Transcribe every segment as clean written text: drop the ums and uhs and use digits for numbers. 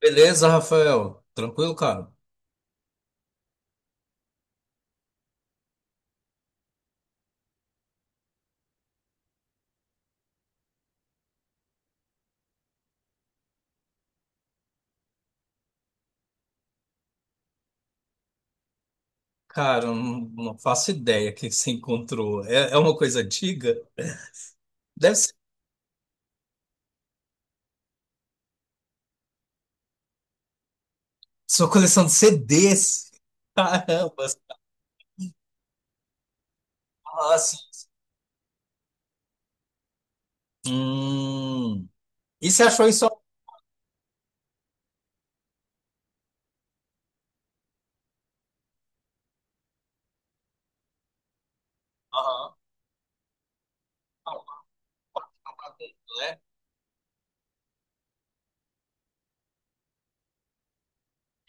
Beleza, Rafael? Tranquilo, cara? Cara, eu não faço ideia o que você encontrou. É uma coisa antiga? Deve ser sua coleção de CDs. Caramba, nossa. Hum. E você achou isso? Aham. Né?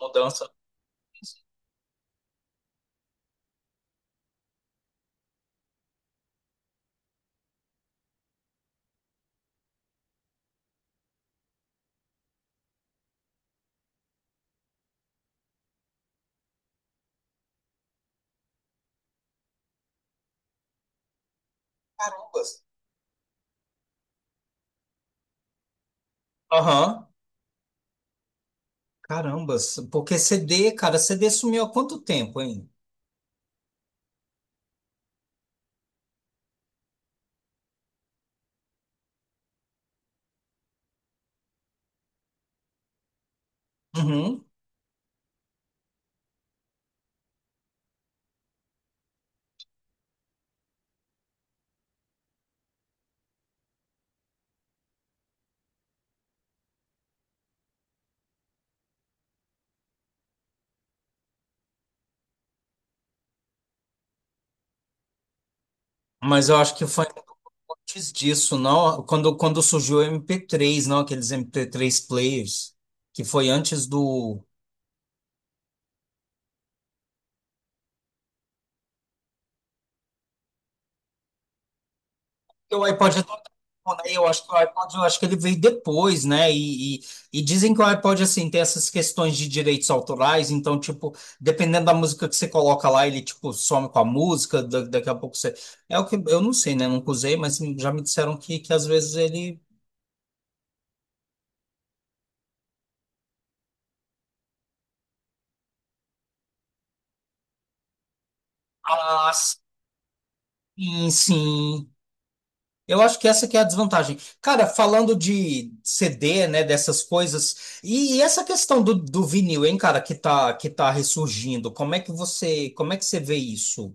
Mudança. Carambas. Aham. Carambas. Porque CD, cara, CD sumiu há quanto tempo, hein? Uhum. Mas eu acho que foi. Antes disso, não, quando surgiu o MP3, não, aqueles MP3 players, que foi antes do. O iPod é todo- Né, eu acho que o iPod, eu acho que ele veio depois, né? E dizem que o iPod, assim, tem essas questões de direitos autorais, então, tipo, dependendo da música que você coloca lá, ele, tipo, some com a música, daqui a pouco você. É o que eu não sei, né? Nunca usei, mas já me disseram que às vezes ele. Ah, sim, sim. Eu acho que essa que é a desvantagem. Cara, falando de CD, né, dessas coisas, e essa questão do vinil, hein, cara, que tá ressurgindo, como é que você vê isso?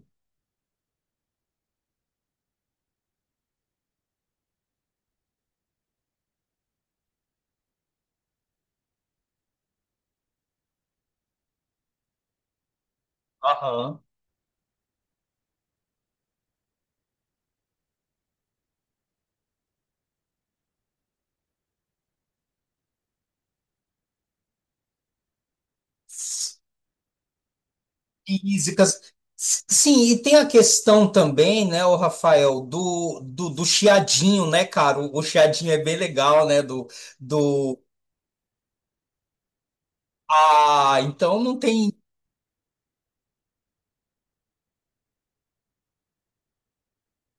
Aham. Físicas. Sim, e tem a questão também, né, o Rafael, do chiadinho, né, cara? O chiadinho é bem legal, nédo... Ah, então não tem...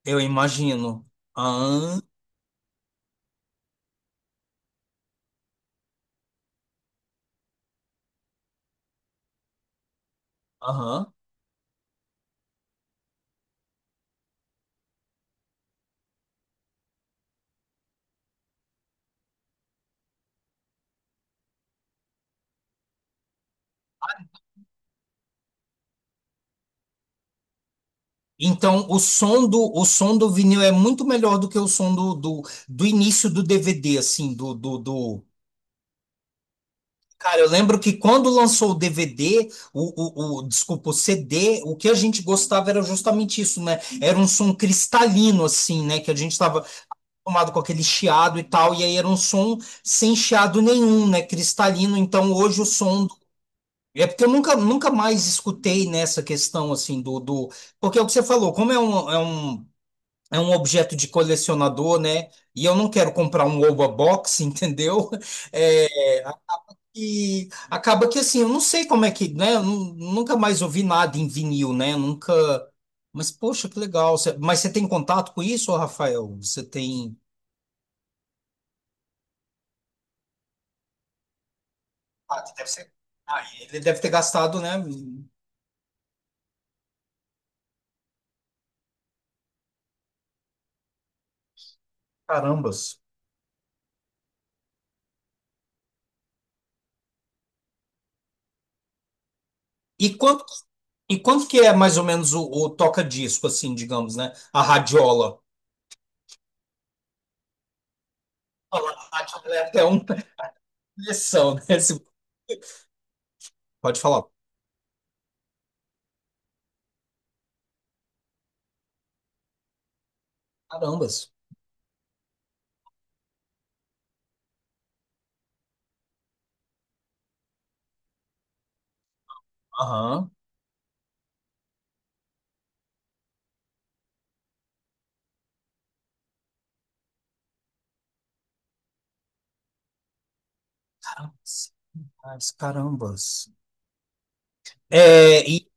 Eu imagino. Ah. Aham. Então, o som do vinil é muito melhor do que o som do início do DVD, assim. Cara, eu lembro que quando lançou o DVD, desculpa, o CD, o que a gente gostava era justamente isso, né? Era um som cristalino, assim, né? Que a gente estava acostumado com aquele chiado e tal, e aí era um som sem chiado nenhum, né? Cristalino. Então, hoje o som do é porque eu nunca mais escutei nessa questão assim do porque é o que você falou, como é um objeto de colecionador, né? E eu não quero comprar um Oba Box, entendeu? É, e acaba que assim, eu não sei como é que, né? Eu nunca mais ouvi nada em vinil, né? Nunca. Mas poxa, que legal. Mas você tem contato com isso, ô Rafael? Você tem. Ah, deve ser- ah, ele deve ter gastado, né? Carambas. E quanto, e quanto que é mais ou menos o toca-disco, assim, digamos, né? A radiola. A radiola é até uma pressão, né? Pode falar. Carambas. Aham. Carambas. Carambas. Carambas. É, e...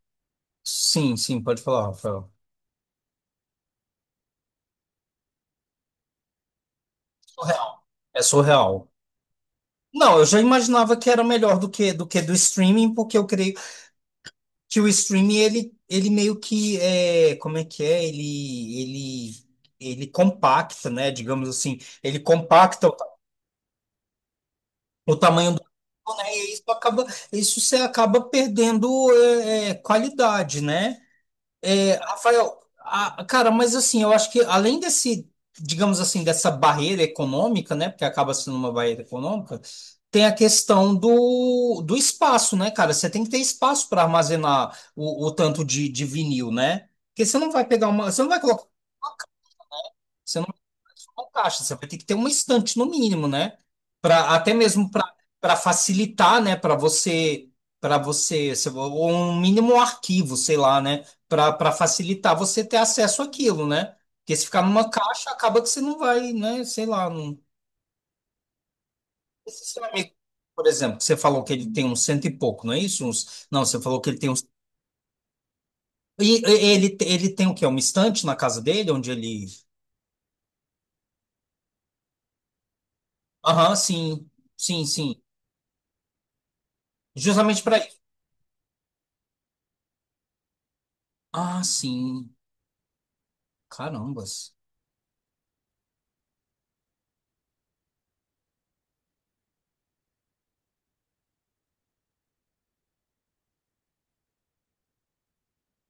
Sim, sim, pode falar, Rafael. Surreal. É surreal. Não, eu já imaginava que era melhor do que do streaming, porque eu creio que o streaming ele meio que é, como é que é? Ele Ele compacta, né? Digamos assim, ele compacta o tamanho do, né? E isso acaba isso você acaba perdendo qualidade, né? É, Rafael, cara, mas assim, eu acho que além desse, digamos assim, dessa barreira econômica, né, porque acaba sendo uma barreira econômica, tem a questão do espaço, né, cara? Você tem que ter espaço para armazenar o tanto de vinil, né? Porque você não vai pegar uma, você não vai colocar você não caixa, você vai ter que ter uma estante no mínimo, né? Para até mesmo para facilitar, né, para você, ou um mínimo um arquivo, sei lá, né, para facilitar você ter acesso àquilo, né? Porque se ficar numa caixa, acaba que você não vai, né, sei lá, não... Esse seu amigo, por exemplo, que você falou que ele tem uns cento e pouco, não é isso? Uns... Não, você falou que ele tem uns. Ele tem o quê? Uma estante na casa dele onde ele. Aham, sim. Sim, sim. Justamente para. Ah, sim. Carambas.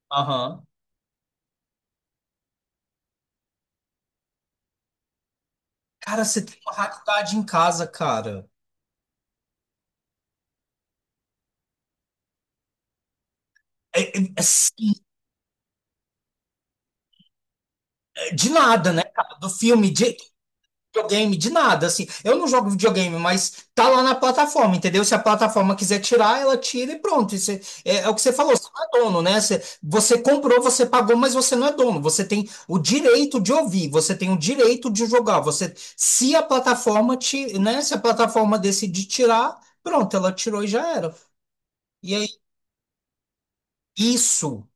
Aham. Cara, você tem uma raridade em casa, cara. Assim, é de nada, né, cara? Do filme, de videogame, de nada, assim. Eu não jogo videogame, mas tá lá na plataforma, entendeu? Se a plataforma quiser tirar, ela tira e pronto. Isso é, é o que você falou, você não é dono, né? Você comprou, você pagou, mas você não é dono. Você tem o direito de ouvir, você tem o direito de jogar. Você, se a plataforma te, né? Se a plataforma decidir tirar, pronto, ela tirou e já era. E é isso,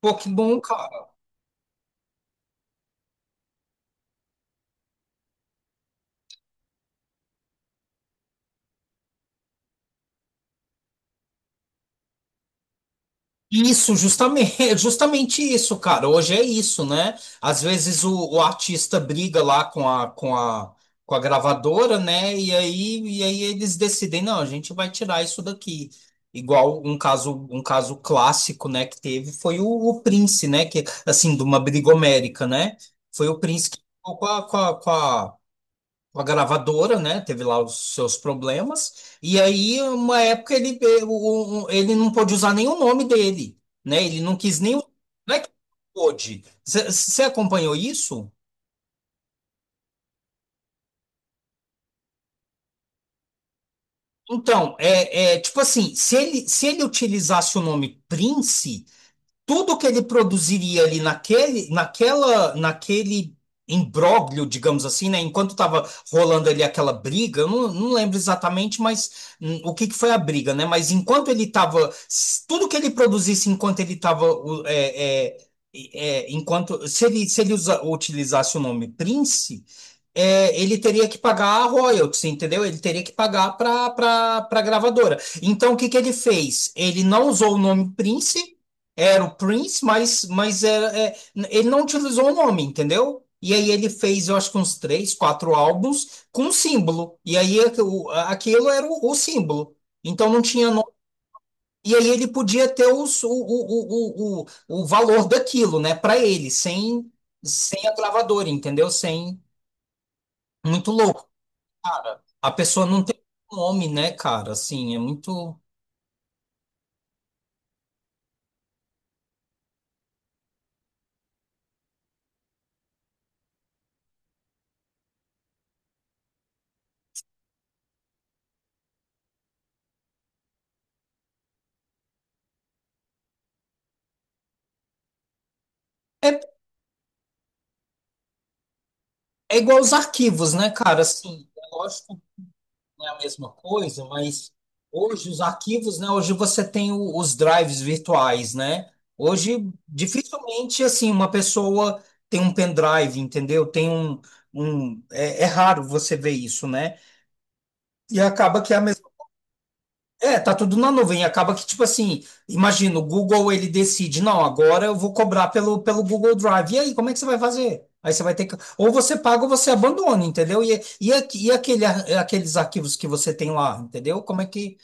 Pokémon, cara. Isso, justamente, justamente isso, cara. Hoje é isso, né? Às vezes o artista briga lá com a gravadora, né? E aí eles decidem, não, a gente vai tirar isso daqui. Igual um caso, clássico, né, que teve foi o Prince, né? Que, assim, de uma brigomérica, né? Foi o Prince que ficou com a a- gravadora, né? Teve lá os seus problemas. E aí, uma época, ele, ele não pôde usar nem o nome dele, né? Ele não quis nem. Não é que não pôde. Você acompanhou isso? Então, é tipo assim, se ele utilizasse o nome Prince. Tudo que ele produziria ali naquele, naquela, naquele imbróglio, digamos assim, né? Enquanto estava rolando ali aquela briga, eu não lembro exatamente, mas o que que foi a briga, né? Mas enquanto ele estava, tudo que ele produzisse enquanto ele estava, é, é, enquanto se ele, se ele usa- utilizasse o nome Prince, ele teria que pagar a royalties, entendeu? Ele teria que pagar para a gravadora. Então, o que que ele fez? Ele não usou o nome Prince, era o Prince, mas era, ele não utilizou o nome, entendeu? E aí ele fez, eu acho que uns três, quatro álbuns com símbolo. E aí aquilo era o símbolo. Então não tinha nome. E aí ele podia ter o valor daquilo, né, para ele, sem, a gravadora, entendeu? Sem. Muito louco, cara. A pessoa não tem nome, né, cara? Assim, é muito. É, É igual os arquivos, né, cara? Assim, é lógico não é a mesma coisa, mas hoje os arquivos, né? Hoje você tem os drives virtuais, né? Hoje dificilmente assim uma pessoa tem um pendrive, entendeu? Tem um, um é raro você ver isso, né? E acaba que é a mesma. É, tá tudo na nuvem. Acaba que, tipo assim, imagina, o Google ele decide, não, agora eu vou cobrar pelo Google Drive. E aí, como é que você vai fazer? Aí você vai ter que. Ou você paga ou você abandona, entendeu? E aqueles arquivos que você tem lá, entendeu? Como é que,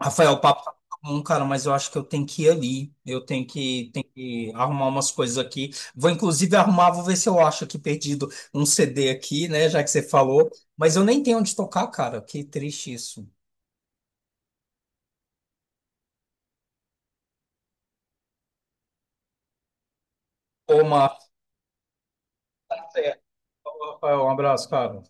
Rafael, o papo tá bom, cara, mas eu acho que eu tenho que ir ali. Eu tenho que arrumar umas coisas aqui. Vou inclusive arrumar, vou ver se eu acho aqui perdido um CD aqui, né? Já que você falou. Mas eu nem tenho onde tocar, cara. Que triste isso. Ô, Marcelo, Rafael, um abraço, cara.